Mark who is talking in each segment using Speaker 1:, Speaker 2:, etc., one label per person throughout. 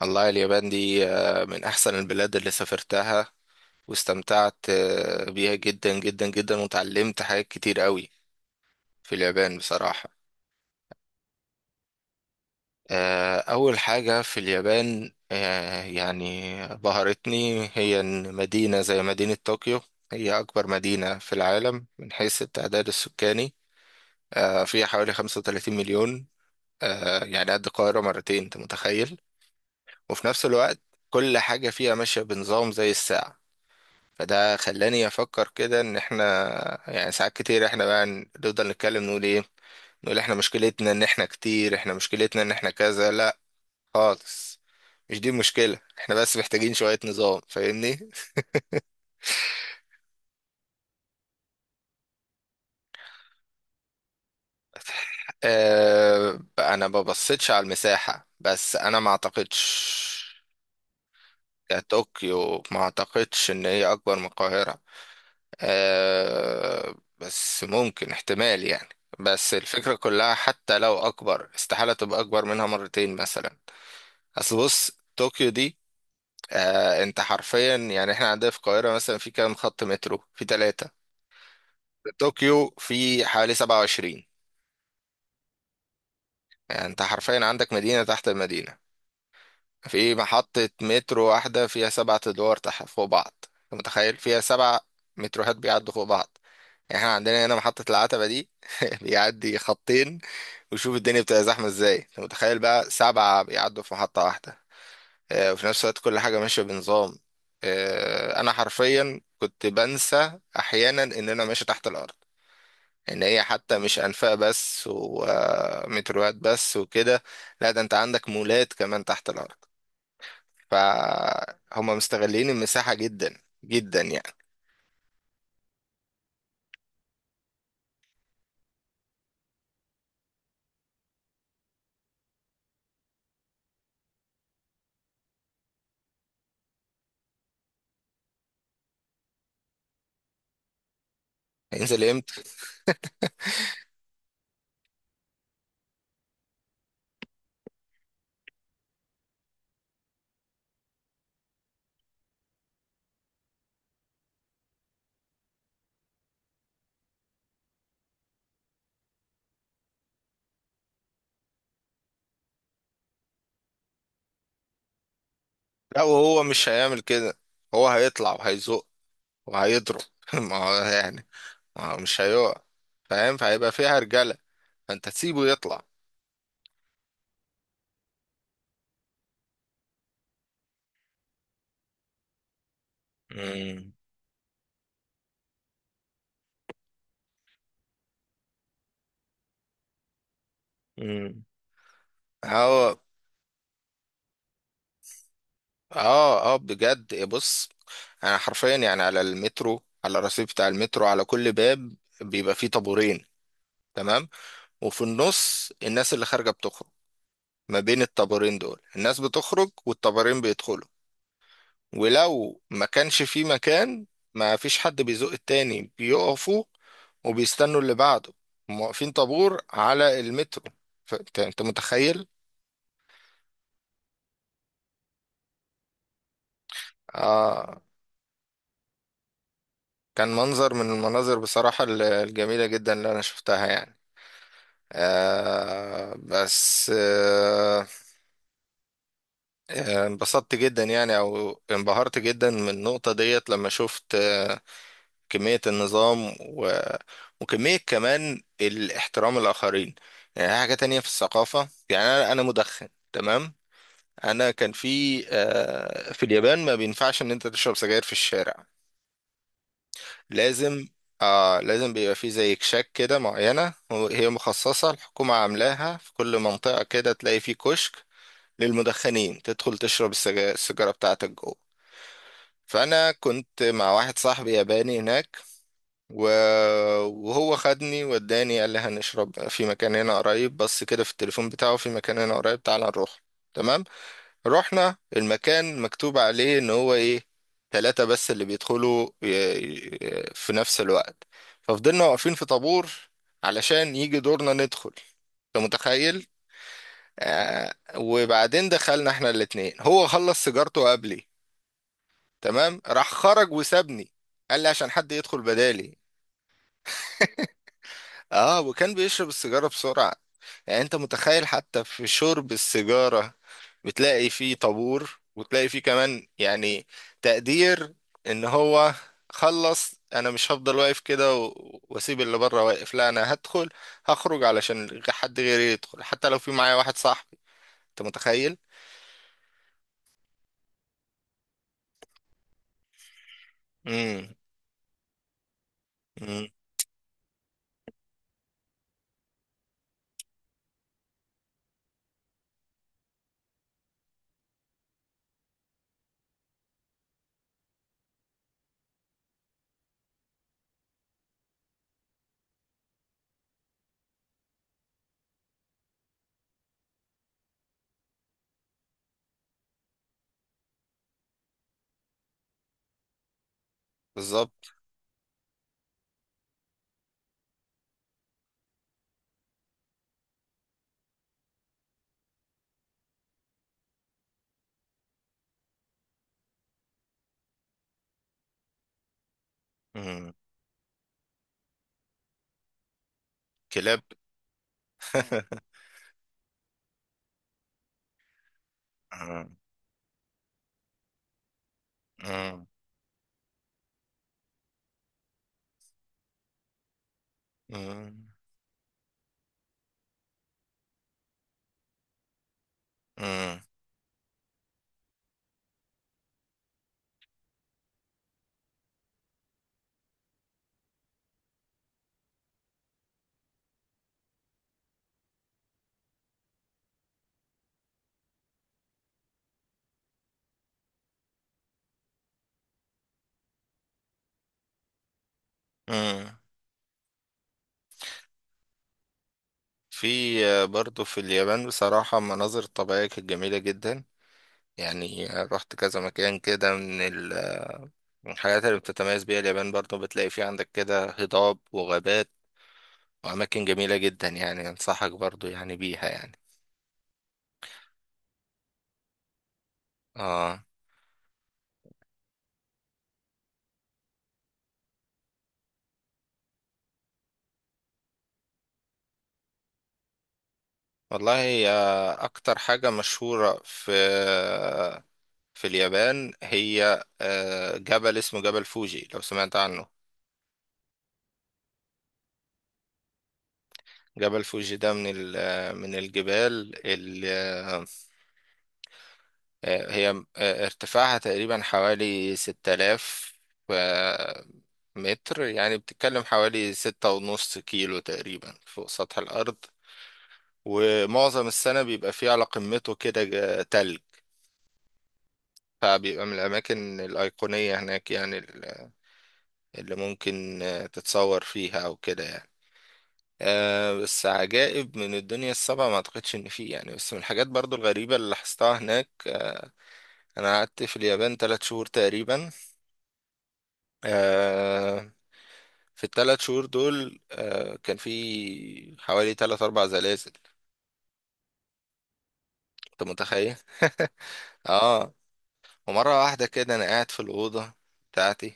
Speaker 1: والله اليابان دي من أحسن البلاد اللي سافرتها، واستمتعت بيها جدا جدا جدا وتعلمت حاجات كتير قوي في اليابان بصراحة. أول حاجة في اليابان يعني بهرتني، هي إن مدينة زي مدينة طوكيو هي أكبر مدينة في العالم من حيث التعداد السكاني. فيها حوالي 35 مليون، يعني قد القاهرة مرتين. أنت متخيل؟ وفي نفس الوقت كل حاجة فيها ماشية بنظام زي الساعة. فده خلاني افكر كده ان احنا، يعني ساعات كتير احنا بقى نفضل نتكلم نقول ايه، نقول احنا مشكلتنا ان احنا كذا. لا خالص، مش دي المشكلة، احنا بس محتاجين شوية نظام. فاهمني؟ انا ما ببصيتش على المساحة، بس انا ما اعتقدش كطوكيو، ما اعتقدش ان هي اكبر من القاهرة. بس ممكن احتمال يعني. بس الفكرة كلها، حتى لو أكبر، استحالة تبقى أكبر منها مرتين مثلا. أصل بص طوكيو دي، أنت حرفيا يعني، إحنا عندنا في القاهرة مثلا في كام خط مترو؟ في ثلاثة. طوكيو في حوالي 27. يعني أنت حرفيا عندك مدينة تحت المدينة. في محطة مترو واحدة فيها سبعة أدوار تحت فوق بعض. أنت متخيل؟ فيها سبع متروهات بيعدوا فوق بعض. يعني احنا عندنا هنا محطة العتبة دي بيعدي خطين. وشوف الدنيا بتبقى زحمه ازاي. انت متخيل بقى سبعه بيعدوا في محطه واحده؟ وفي نفس الوقت كل حاجه ماشيه بنظام. انا حرفيا كنت بنسى احيانا ان انا ماشي تحت الارض، ان هي حتى مش انفاق بس ومتروات بس وكده. لا، ده انت عندك مولات كمان تحت الارض. فهم مستغلين المساحه جدا جدا يعني. هينزل امتى؟ لا، وهو مش هيعمل كده. هو هيطلع وهيزق وهيضرب ما هو يعني، مش هيقع فاهم؟ فهيبقى فيها رجالة، فانت تسيبه يطلع. مم. مم. هو، اه اه بجد. إيه، بص، انا حرفيا يعني على المترو، على الرصيف بتاع المترو، على كل باب بيبقى فيه طابورين. تمام؟ وفي النص الناس اللي خارجة بتخرج، ما بين الطابورين دول الناس بتخرج والطابورين بيدخلوا. ولو ما كانش في مكان، ما فيش حد بيزق التاني، بيقفوا وبيستنوا اللي بعده. هم واقفين طابور على المترو. فانت انت انت متخيل؟ آه، كان منظر من المناظر بصراحة الجميلة جدا اللي انا شفتها يعني. آه بس آه انبسطت جدا يعني، او انبهرت جدا من النقطة ديت لما شفت كمية النظام وكمية كمان الاحترام الآخرين. يعني حاجة تانية في الثقافة، يعني أنا مدخن، تمام؟ أنا كان في في اليابان ما بينفعش إن أنت تشرب سجاير في الشارع. لازم. لازم بيبقى في زي كشاك كده معينة، هي مخصصة، الحكومة عاملاها في كل منطقة. كده تلاقي فيه كشك للمدخنين تدخل تشرب السيجارة بتاعتك جوه. فأنا كنت مع واحد صاحبي ياباني هناك، وهو خدني وداني، قال لي هنشرب في مكان هنا قريب، بس كده في التليفون بتاعه، في مكان هنا قريب، تعال نروح. تمام، رحنا المكان مكتوب عليه ان هو ايه، ثلاثة بس اللي بيدخلوا في نفس الوقت. ففضلنا واقفين في طابور علشان يجي دورنا ندخل. انت متخيل؟ وبعدين دخلنا احنا الاتنين، هو خلص سيجارته قبلي. تمام، راح خرج وسابني، قال لي عشان حد يدخل بدالي. اه، وكان بيشرب السيجارة بسرعة. يعني انت متخيل، حتى في شرب السيجارة بتلاقي فيه طابور، وتلاقي فيه كمان يعني تقدير، ان هو خلص، انا مش هفضل واقف كده واسيب اللي بره واقف. لا، انا هدخل هخرج علشان حد غيري يدخل، حتى لو في معايا واحد صاحبي. انت متخيل؟ امم امم بالظبط. امم كلاب امم امم امم امم في برضو في اليابان بصراحة المناظر الطبيعية كانت جميلة جدا. يعني رحت كذا مكان كده. من من الحاجات اللي بتتميز بيها اليابان، برضو بتلاقي في عندك كده هضاب وغابات وأماكن جميلة جدا. يعني أنصحك برضو يعني بيها يعني. آه. والله هي أكتر حاجة مشهورة في اليابان، هي جبل اسمه جبل فوجي، لو سمعت عنه. جبل فوجي ده من من الجبال. هي ارتفاعها تقريبا حوالي 6000 آه، متر. يعني بتتكلم حوالي 6.5 كيلو تقريبا فوق سطح الأرض. ومعظم السنة بيبقى فيه على قمته كده تلج. فبيبقى من الأماكن الأيقونية هناك، يعني اللي ممكن تتصور فيها أو كده يعني. بس عجائب من الدنيا السبعة ما أعتقدش إن فيه يعني. بس من الحاجات برضو الغريبة اللي لاحظتها هناك، أنا قعدت في اليابان 3 شهور تقريبا. آه، في الثلاث شهور دول كان في حوالي ثلاث اربع زلازل. انت متخيل؟ اه. ومره واحده كده انا قاعد في الاوضه بتاعتي،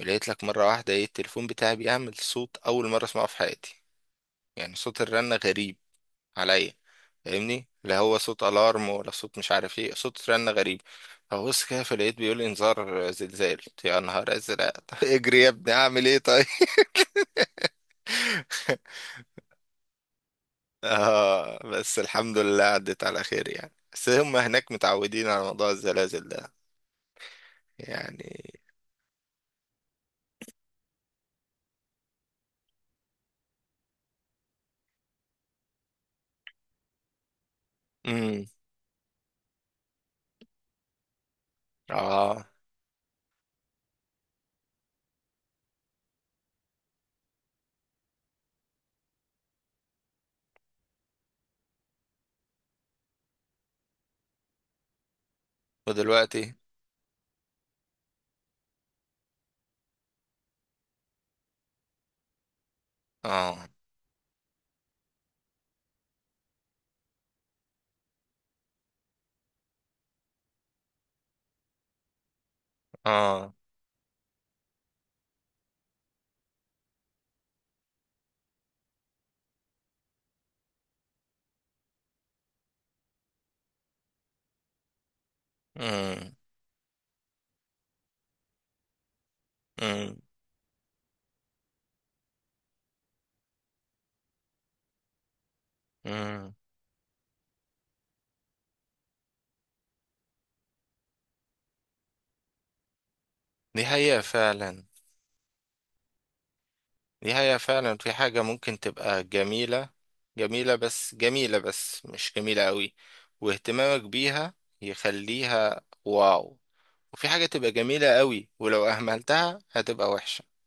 Speaker 1: لقيت لك مره واحده ايه، التليفون بتاعي بيعمل صوت اول مره اسمعه في حياتي. يعني صوت الرنه غريب عليا فاهمني، لا هو صوت الارم، ولا صوت مش عارف ايه، صوت رنه غريب. فبص كده، فلقيت بيقول لي انذار زلزال. قلت يا نهار ازرق طب اجري يا ابني اعمل ايه طيب؟ اه، بس الحمد لله عدت على خير يعني. بس هم هناك متعودين على موضوع الزلازل ده يعني. امم اه. ودلوقتي. اه. اه. امم امم امم دي حقيقة فعلا. دي حقيقة فعلا، في حاجة ممكن تبقى جميلة، جميلة بس، جميلة بس مش جميلة قوي، واهتمامك بيها يخليها واو. وفي حاجة تبقى جميلة قوي ولو أهملتها هتبقى وحشة.